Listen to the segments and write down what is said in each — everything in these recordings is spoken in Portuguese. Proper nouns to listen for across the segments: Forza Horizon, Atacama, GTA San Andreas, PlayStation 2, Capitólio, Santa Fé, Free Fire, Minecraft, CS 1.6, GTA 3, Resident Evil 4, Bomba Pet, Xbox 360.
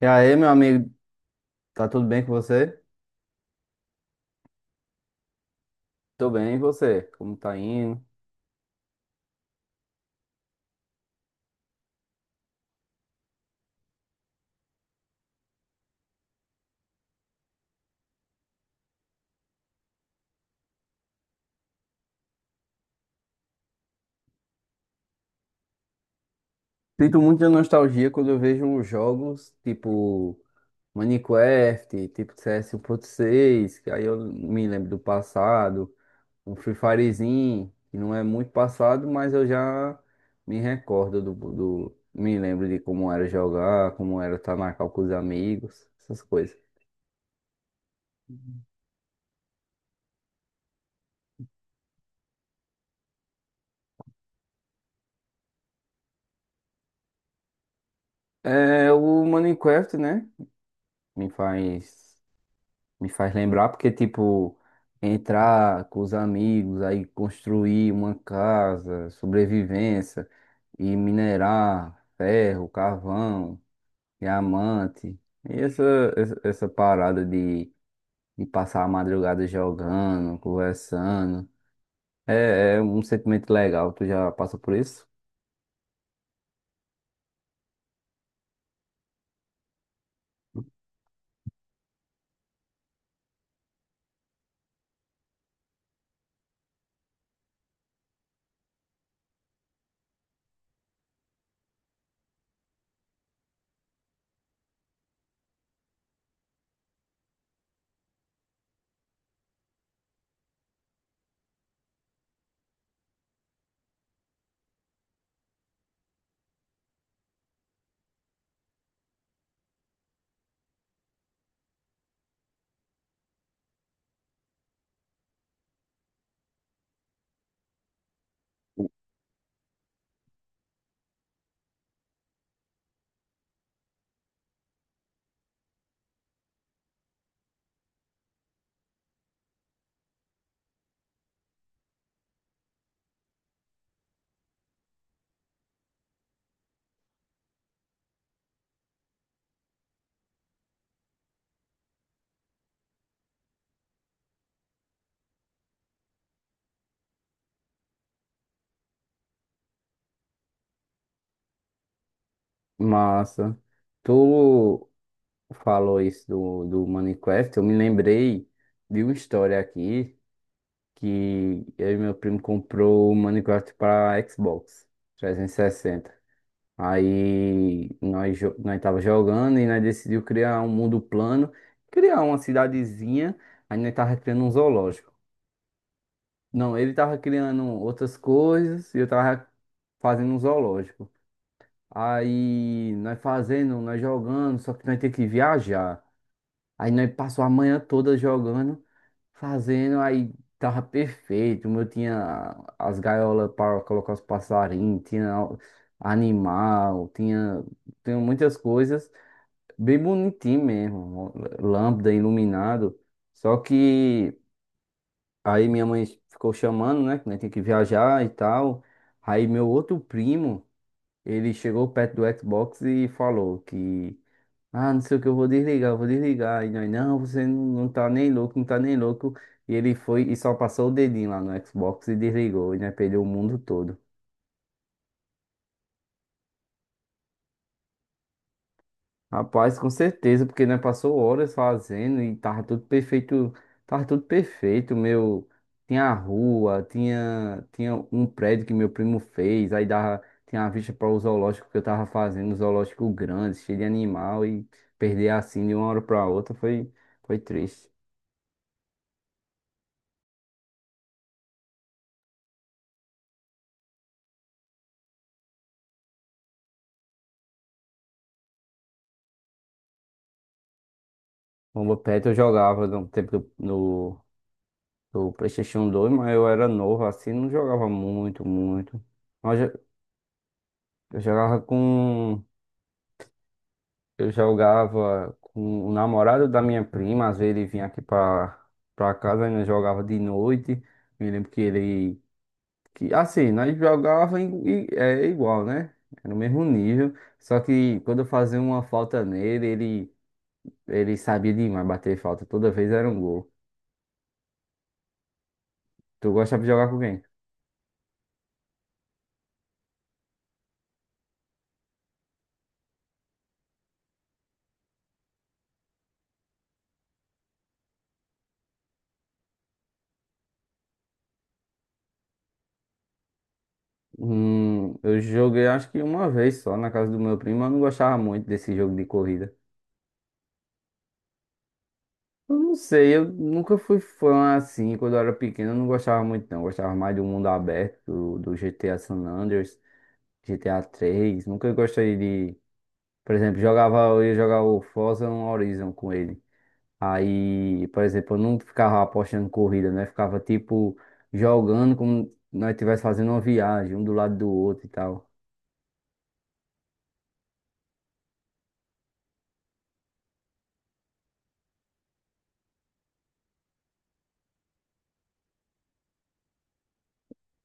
E aí, meu amigo, tá tudo bem com você? Tô bem, e você? Como tá indo? Sinto muita nostalgia quando eu vejo jogos tipo Minecraft, tipo CS 1.6, que aí eu me lembro do passado, um Free Firezinho, que não é muito passado, mas eu já me recordo me lembro de como era jogar, como era estar na cal com os amigos, essas coisas. É, o Minecraft, né? Me faz. Me faz lembrar porque, tipo, entrar com os amigos, aí construir uma casa, sobrevivência, e minerar ferro, carvão, diamante. E essa parada de passar a madrugada jogando, conversando, é um sentimento legal. Tu já passa por isso? Massa. Tu falou isso do Minecraft, eu me lembrei de uma história aqui, que eu e meu primo comprou o Minecraft para Xbox 360. Aí nós, nós tava jogando e nós decidiu criar um mundo plano, criar uma cidadezinha, aí nós tava criando um zoológico. Não, ele tava criando outras coisas e eu tava fazendo um zoológico. Aí nós fazendo, nós jogando, só que nós tem que viajar. Aí nós passou a manhã toda jogando, fazendo, aí tava perfeito. O meu tinha as gaiolas para colocar os passarinhos, tinha animal, tinha muitas coisas, bem bonitinho mesmo, lâmpada iluminado. Só que aí minha mãe ficou chamando, né, que nós tinha que viajar e tal. Aí meu outro primo, ele chegou perto do Xbox e falou que ah, não sei o que, eu vou desligar, eu vou desligar. E nós, não, você não, não tá nem louco, não tá nem louco. E ele foi e só passou o dedinho lá no Xbox e desligou. E nós perdeu o mundo todo. Rapaz, com certeza, porque nós passou horas fazendo e tava tudo perfeito. Tava tudo perfeito, meu. Tinha a rua, tinha um prédio que meu primo fez. Aí dava, tinha a vista para o zoológico que eu tava fazendo, um zoológico grande, cheio de animal. E perder assim de uma hora pra outra foi triste. Bomba Pet eu jogava no tempo do, no, do PlayStation 2, mas eu era novo assim, não jogava muito, muito. Mas eu jogava com. Eu jogava com o namorado da minha prima, às vezes ele vinha aqui pra casa, ainda jogava de noite. Me lembro que ele. Que, assim, nós jogava é igual, né? Era o mesmo nível. Só que quando eu fazia uma falta nele, ele sabia demais bater falta. Toda vez era um gol. Tu gostava de jogar com quem? Eu joguei acho que uma vez só na casa do meu primo, eu não gostava muito desse jogo de corrida. Eu não sei, eu nunca fui fã assim, quando eu era pequeno eu não gostava muito não, eu gostava mais do mundo aberto, do GTA San Andreas, GTA 3 nunca gostei de, por exemplo, jogava, eu ia jogar o Forza Horizon com ele. Aí, por exemplo, eu não ficava apostando corrida, né? Ficava tipo jogando como nós estivéssemos fazendo uma viagem, um do lado do outro e tal.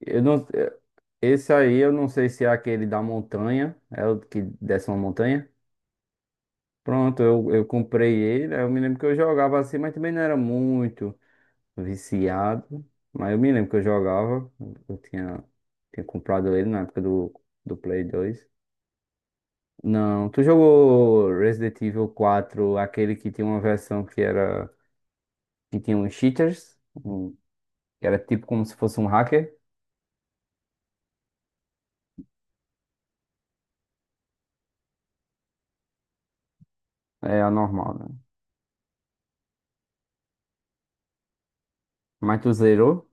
Eu não. Esse aí eu não sei se é aquele da montanha, é o que desce uma montanha. Pronto, eu comprei ele, aí eu me lembro que eu jogava assim, mas também não era muito viciado. Mas eu me lembro que eu jogava, eu tinha, tinha comprado ele na época do, Play 2. Não, tu jogou Resident Evil 4, aquele que tinha uma versão que era, que tinha uns cheaters, que era tipo como se fosse um hacker? É anormal, né? Mas tu zerou?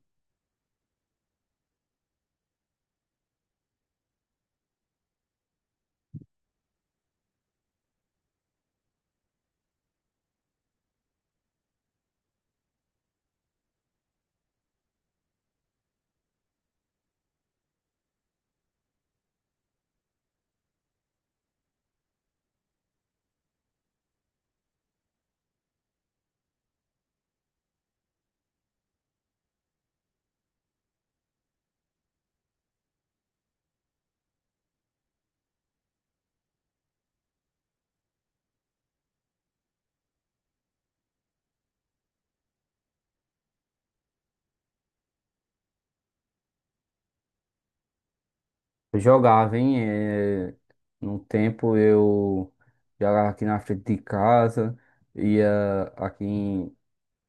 Eu jogava, hein? É, num tempo eu jogava aqui na frente de casa, ia aqui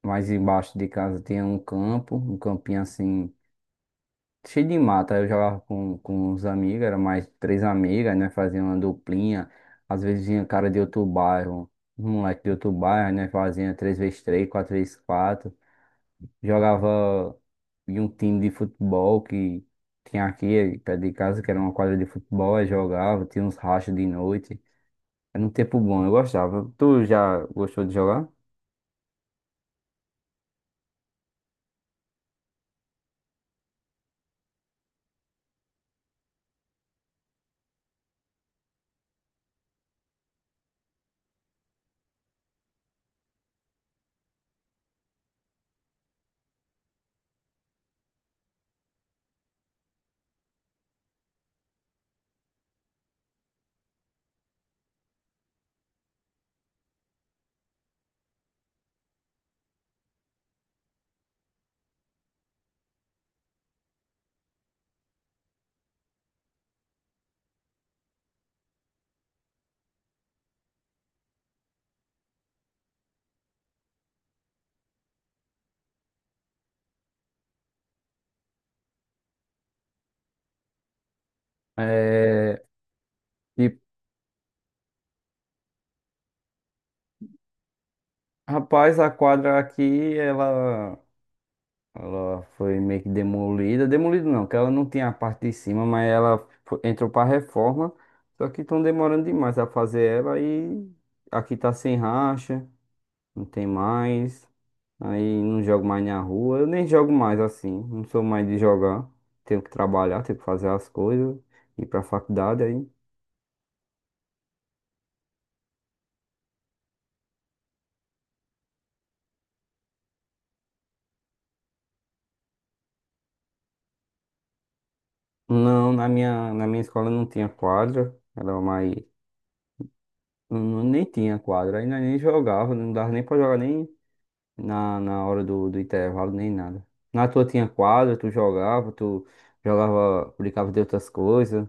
mais embaixo de casa tinha um campo, um campinho assim, cheio de mata. Aí eu jogava com os amigos, era mais três amigas, né? Fazia uma duplinha. Às vezes vinha cara de outro bairro, um moleque de outro bairro, né? Fazia três vezes três, quatro vezes quatro. Jogava em um time de futebol que tinha aqui perto de casa, que era uma quadra de futebol, aí jogava, tinha uns rachas de noite. Era um tempo bom, eu gostava. Tu já gostou de jogar? É, e Rapaz, a quadra aqui, ela foi meio que demolida. Demolida não, que ela não tinha a parte de cima, mas ela entrou para reforma. Só que estão demorando demais a fazer ela e aqui tá sem racha, não tem mais. Aí não jogo mais na rua. Eu nem jogo mais assim. Não sou mais de jogar. Tenho que trabalhar, tenho que fazer as coisas. Ir pra faculdade aí. Não, na minha escola não tinha quadra. Era mais, nem tinha quadra. Aí nós nem jogava. Não dava nem pra jogar nem na hora do intervalo, nem nada. Na tua tinha quadra, tu jogava, brincava de outras coisas.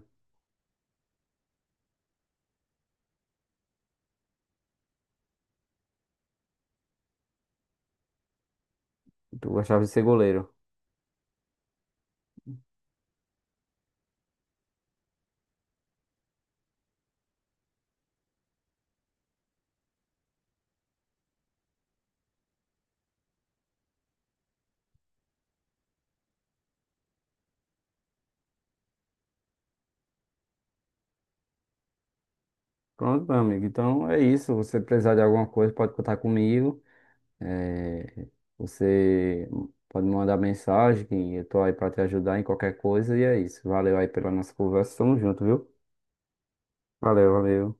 Tu gostava de ser goleiro. Pronto, meu amigo. Então é isso. Se você precisar de alguma coisa, pode contar comigo. É, você pode me mandar mensagem, que eu tô aí pra te ajudar em qualquer coisa. E é isso. Valeu aí pela nossa conversa. Tamo junto, viu? Valeu, valeu.